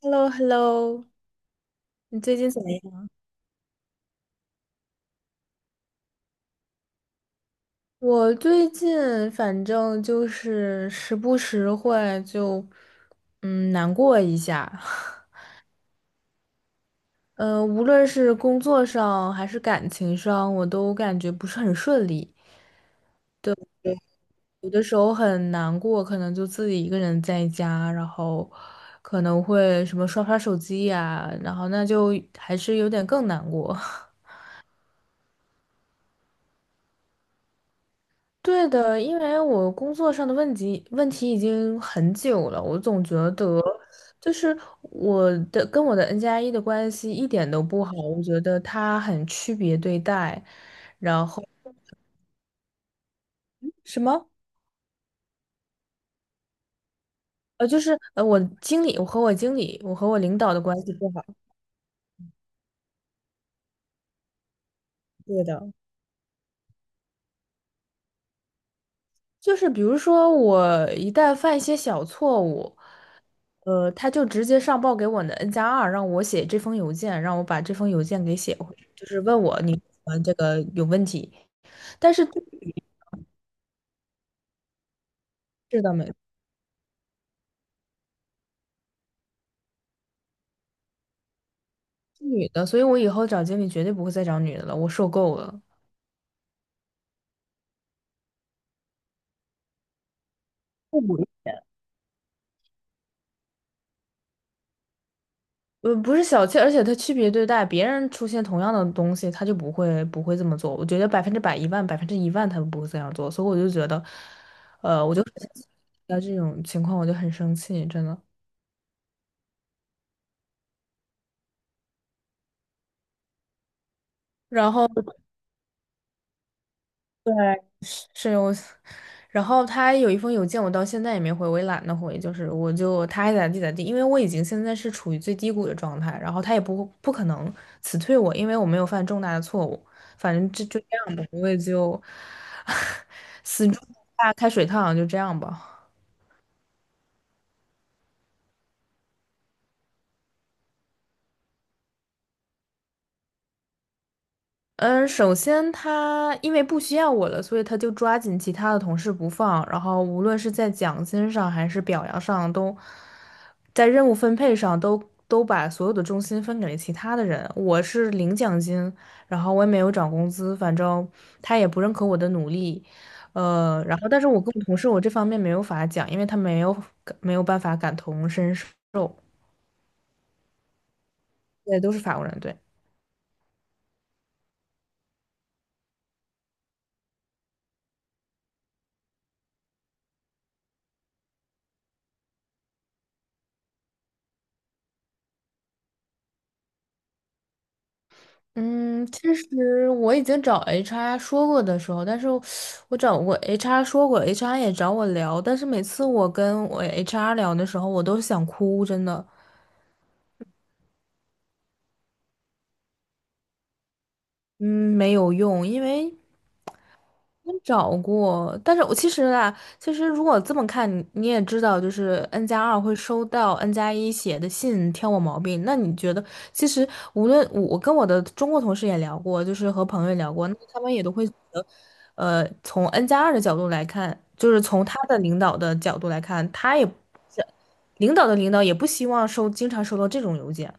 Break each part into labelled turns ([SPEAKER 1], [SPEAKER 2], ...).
[SPEAKER 1] Hello,Hello,你最近怎么样？我最近反正就是时不时会就，难过一下。嗯，无论是工作上还是感情上，我都感觉不是很顺利。有的时候很难过，可能就自己一个人在家，然后可能会什么刷刷手机呀，然后那就还是有点更难过。对的，因为我工作上的问题已经很久了，我总觉得就是跟我的 N 加一的关系一点都不好，我觉得他很区别对待。然后什么？就是我经理，我和我经理，我和我领导的关系不好。对的，就是比如说我一旦犯一些小错误。他就直接上报给我的 N 加二，让我写这封邮件，让我把这封邮件给写回去，就是问我你这个有问题。但是这是的，没是女的，所以我以后找经理绝对不会再找女的了，我受够了。不是小气，而且他区别对待，别人出现同样的东西，他就不会这么做。我觉得100%，一万，10000%他都不会这样做，所以我就觉得，我就遇到这种情况我就很生气，真的。然后。对，是我，然后他有一封邮件，我到现在也没回，我也懒得回，就是我就他爱咋地咋地，因为我已经现在是处于最低谷的状态，然后他也不可能辞退我，因为我没有犯重大的错误，反正就这样吧，我也就 死猪不怕开水烫，就这样吧。嗯，首先他因为不需要我了，所以他就抓紧其他的同事不放，然后无论是在奖金上还是表扬上，都在任务分配上都把所有的重心分给了其他的人。我是领奖金，然后我也没有涨工资，反正他也不认可我的努力，然后但是我跟我同事我这方面没有法讲，因为他没有办法感同身受，对，都是法国人，对。嗯，其实我已经找 HR 说过的时候，但是我找过 HR 说过，HR 也找我聊，但是每次我跟我 HR 聊的时候，我都想哭，真的，嗯，没有用，因为我找过，但是我其实啊，其实如果这么看，你也知道，就是 N 加二会收到 N 加一写的信挑我毛病。那你觉得，其实无论我跟我的中国同事也聊过，就是和朋友也聊过，那他们也都会觉得，从 N 加二的角度来看，就是从他的领导的角度来看，他也不是领导的领导也不希望经常收到这种邮件。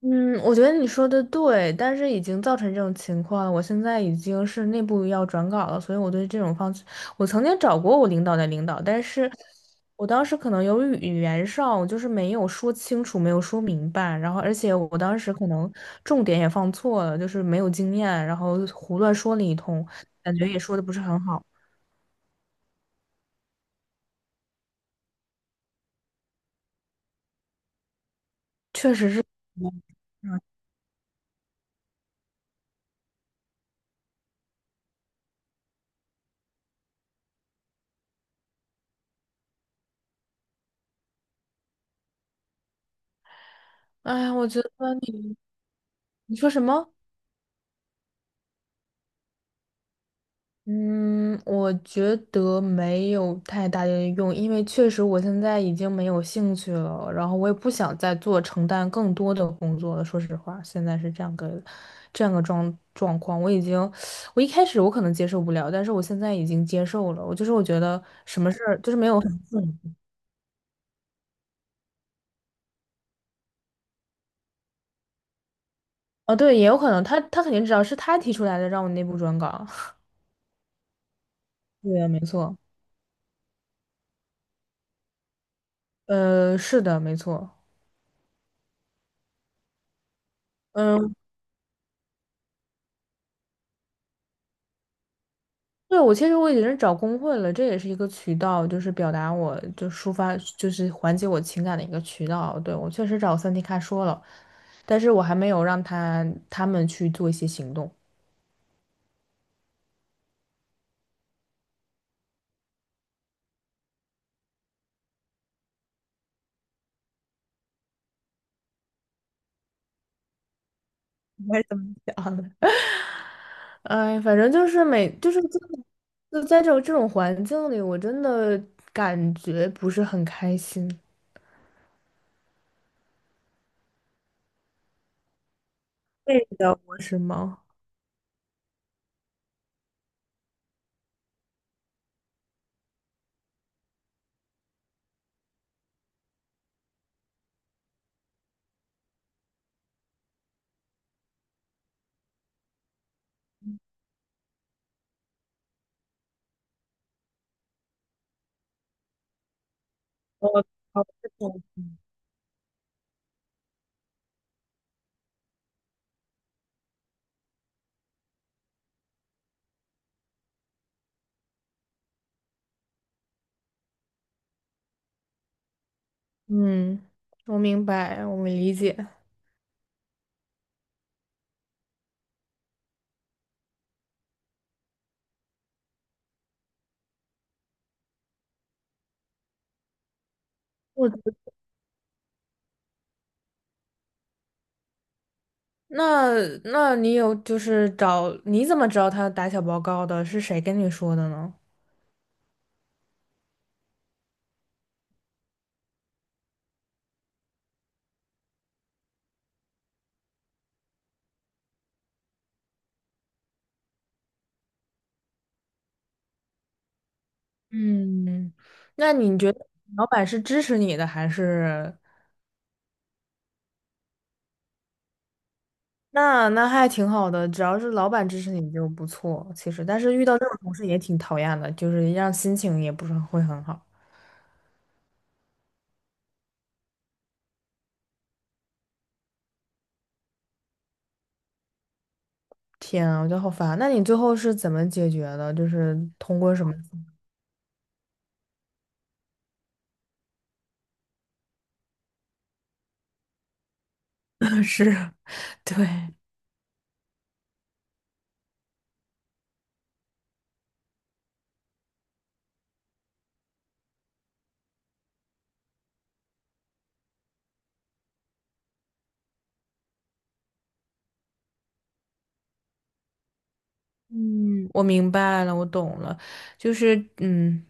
[SPEAKER 1] 嗯，我觉得你说的对，但是已经造成这种情况了。我现在已经是内部要转岗了，所以我对这种方式，我曾经找过我领导的领导，但是我当时可能由于语言上我就是没有说清楚，没有说明白，然后而且我当时可能重点也放错了，就是没有经验，然后胡乱说了一通，感觉也说的不是很好，确实是。哎呀，我觉得你你说什么？嗯，我觉得没有太大的用，因为确实我现在已经没有兴趣了，然后我也不想再做承担更多的工作了。说实话，现在是这样个状况，我已经，我一开始我可能接受不了，但是我现在已经接受了。我就是我觉得什么事儿就是没有很哦，对，也有可能他肯定知道是他提出来的，让我内部转岗。对啊，没错，是的，没错。嗯。对，我其实我已经是找工会了，这也是一个渠道，就是表达我就抒发，就是缓解我情感的一个渠道。对，我确实找三 D 卡说了，但是我还没有让他们去做一些行动。我也这么想的。哎，反正就是就是这种就在这种环境里，我真的感觉不是很开心，对的，我是吗？嗯，我明白，我理解。我。那那你有就是找，你怎么知道他打小报告的？是谁跟你说的呢？嗯，那你觉得老板是支持你的还是？那还挺好的，只要是老板支持你就不错。其实，但是遇到这种同事也挺讨厌的，就是让心情也不是会很好。天啊，我觉得好烦啊。那你最后是怎么解决的？就是通过什么 是，对。嗯，我明白了，我懂了，就是嗯，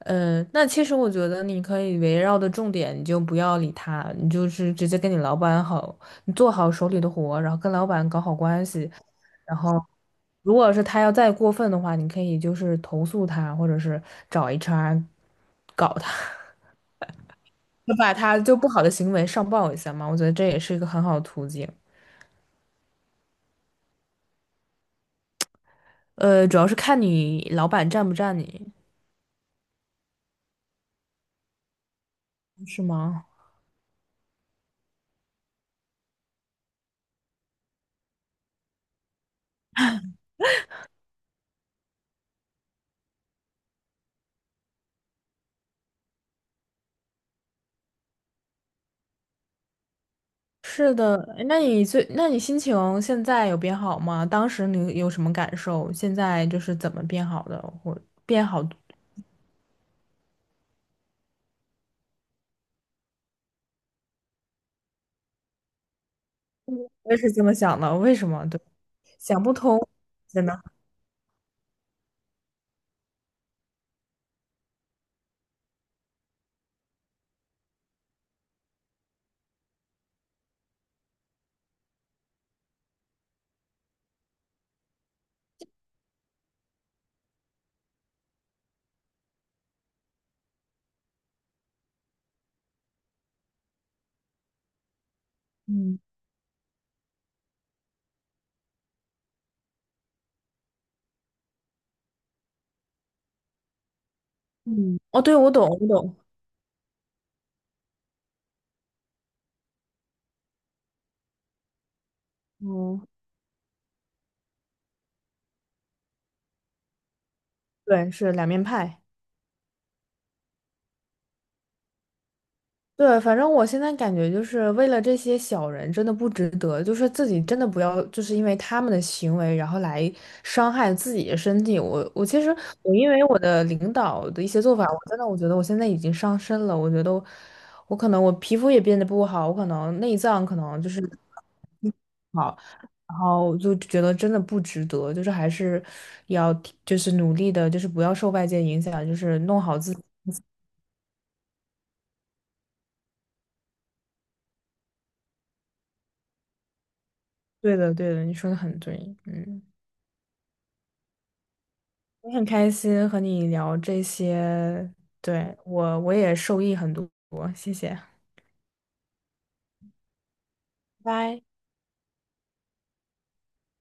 [SPEAKER 1] 那其实我觉得你可以围绕的重点，你就不要理他，你就是直接跟你老板好，你做好手里的活，然后跟老板搞好关系，然后如果是他要再过分的话，你可以就是投诉他，或者是找 HR 搞他，就把他就不好的行为上报一下嘛，我觉得这也是一个很好的途径。主要是看你老板站不站你，是吗？是的，诶那你最，那你心情现在有变好吗？当时你有什么感受？现在就是怎么变好的？或变好，我也是这么想的。为什么？对，想不通，真的。嗯嗯，哦，对，我懂，我懂。嗯，对，是两面派。对，反正我现在感觉就是为了这些小人真的不值得，就是自己真的不要，就是因为他们的行为，然后来伤害自己的身体。我我其实我因为我的领导的一些做法，我真的我觉得我现在已经伤身了。我觉得我我可能我皮肤也变得不好，我可能内脏可能就是不好，然后我就觉得真的不值得，就是还是要就是努力的，就是不要受外界影响，就是弄好自己。对的，对的，你说的很对，嗯。我很开心和你聊这些，对，我也受益很多，谢谢，拜拜。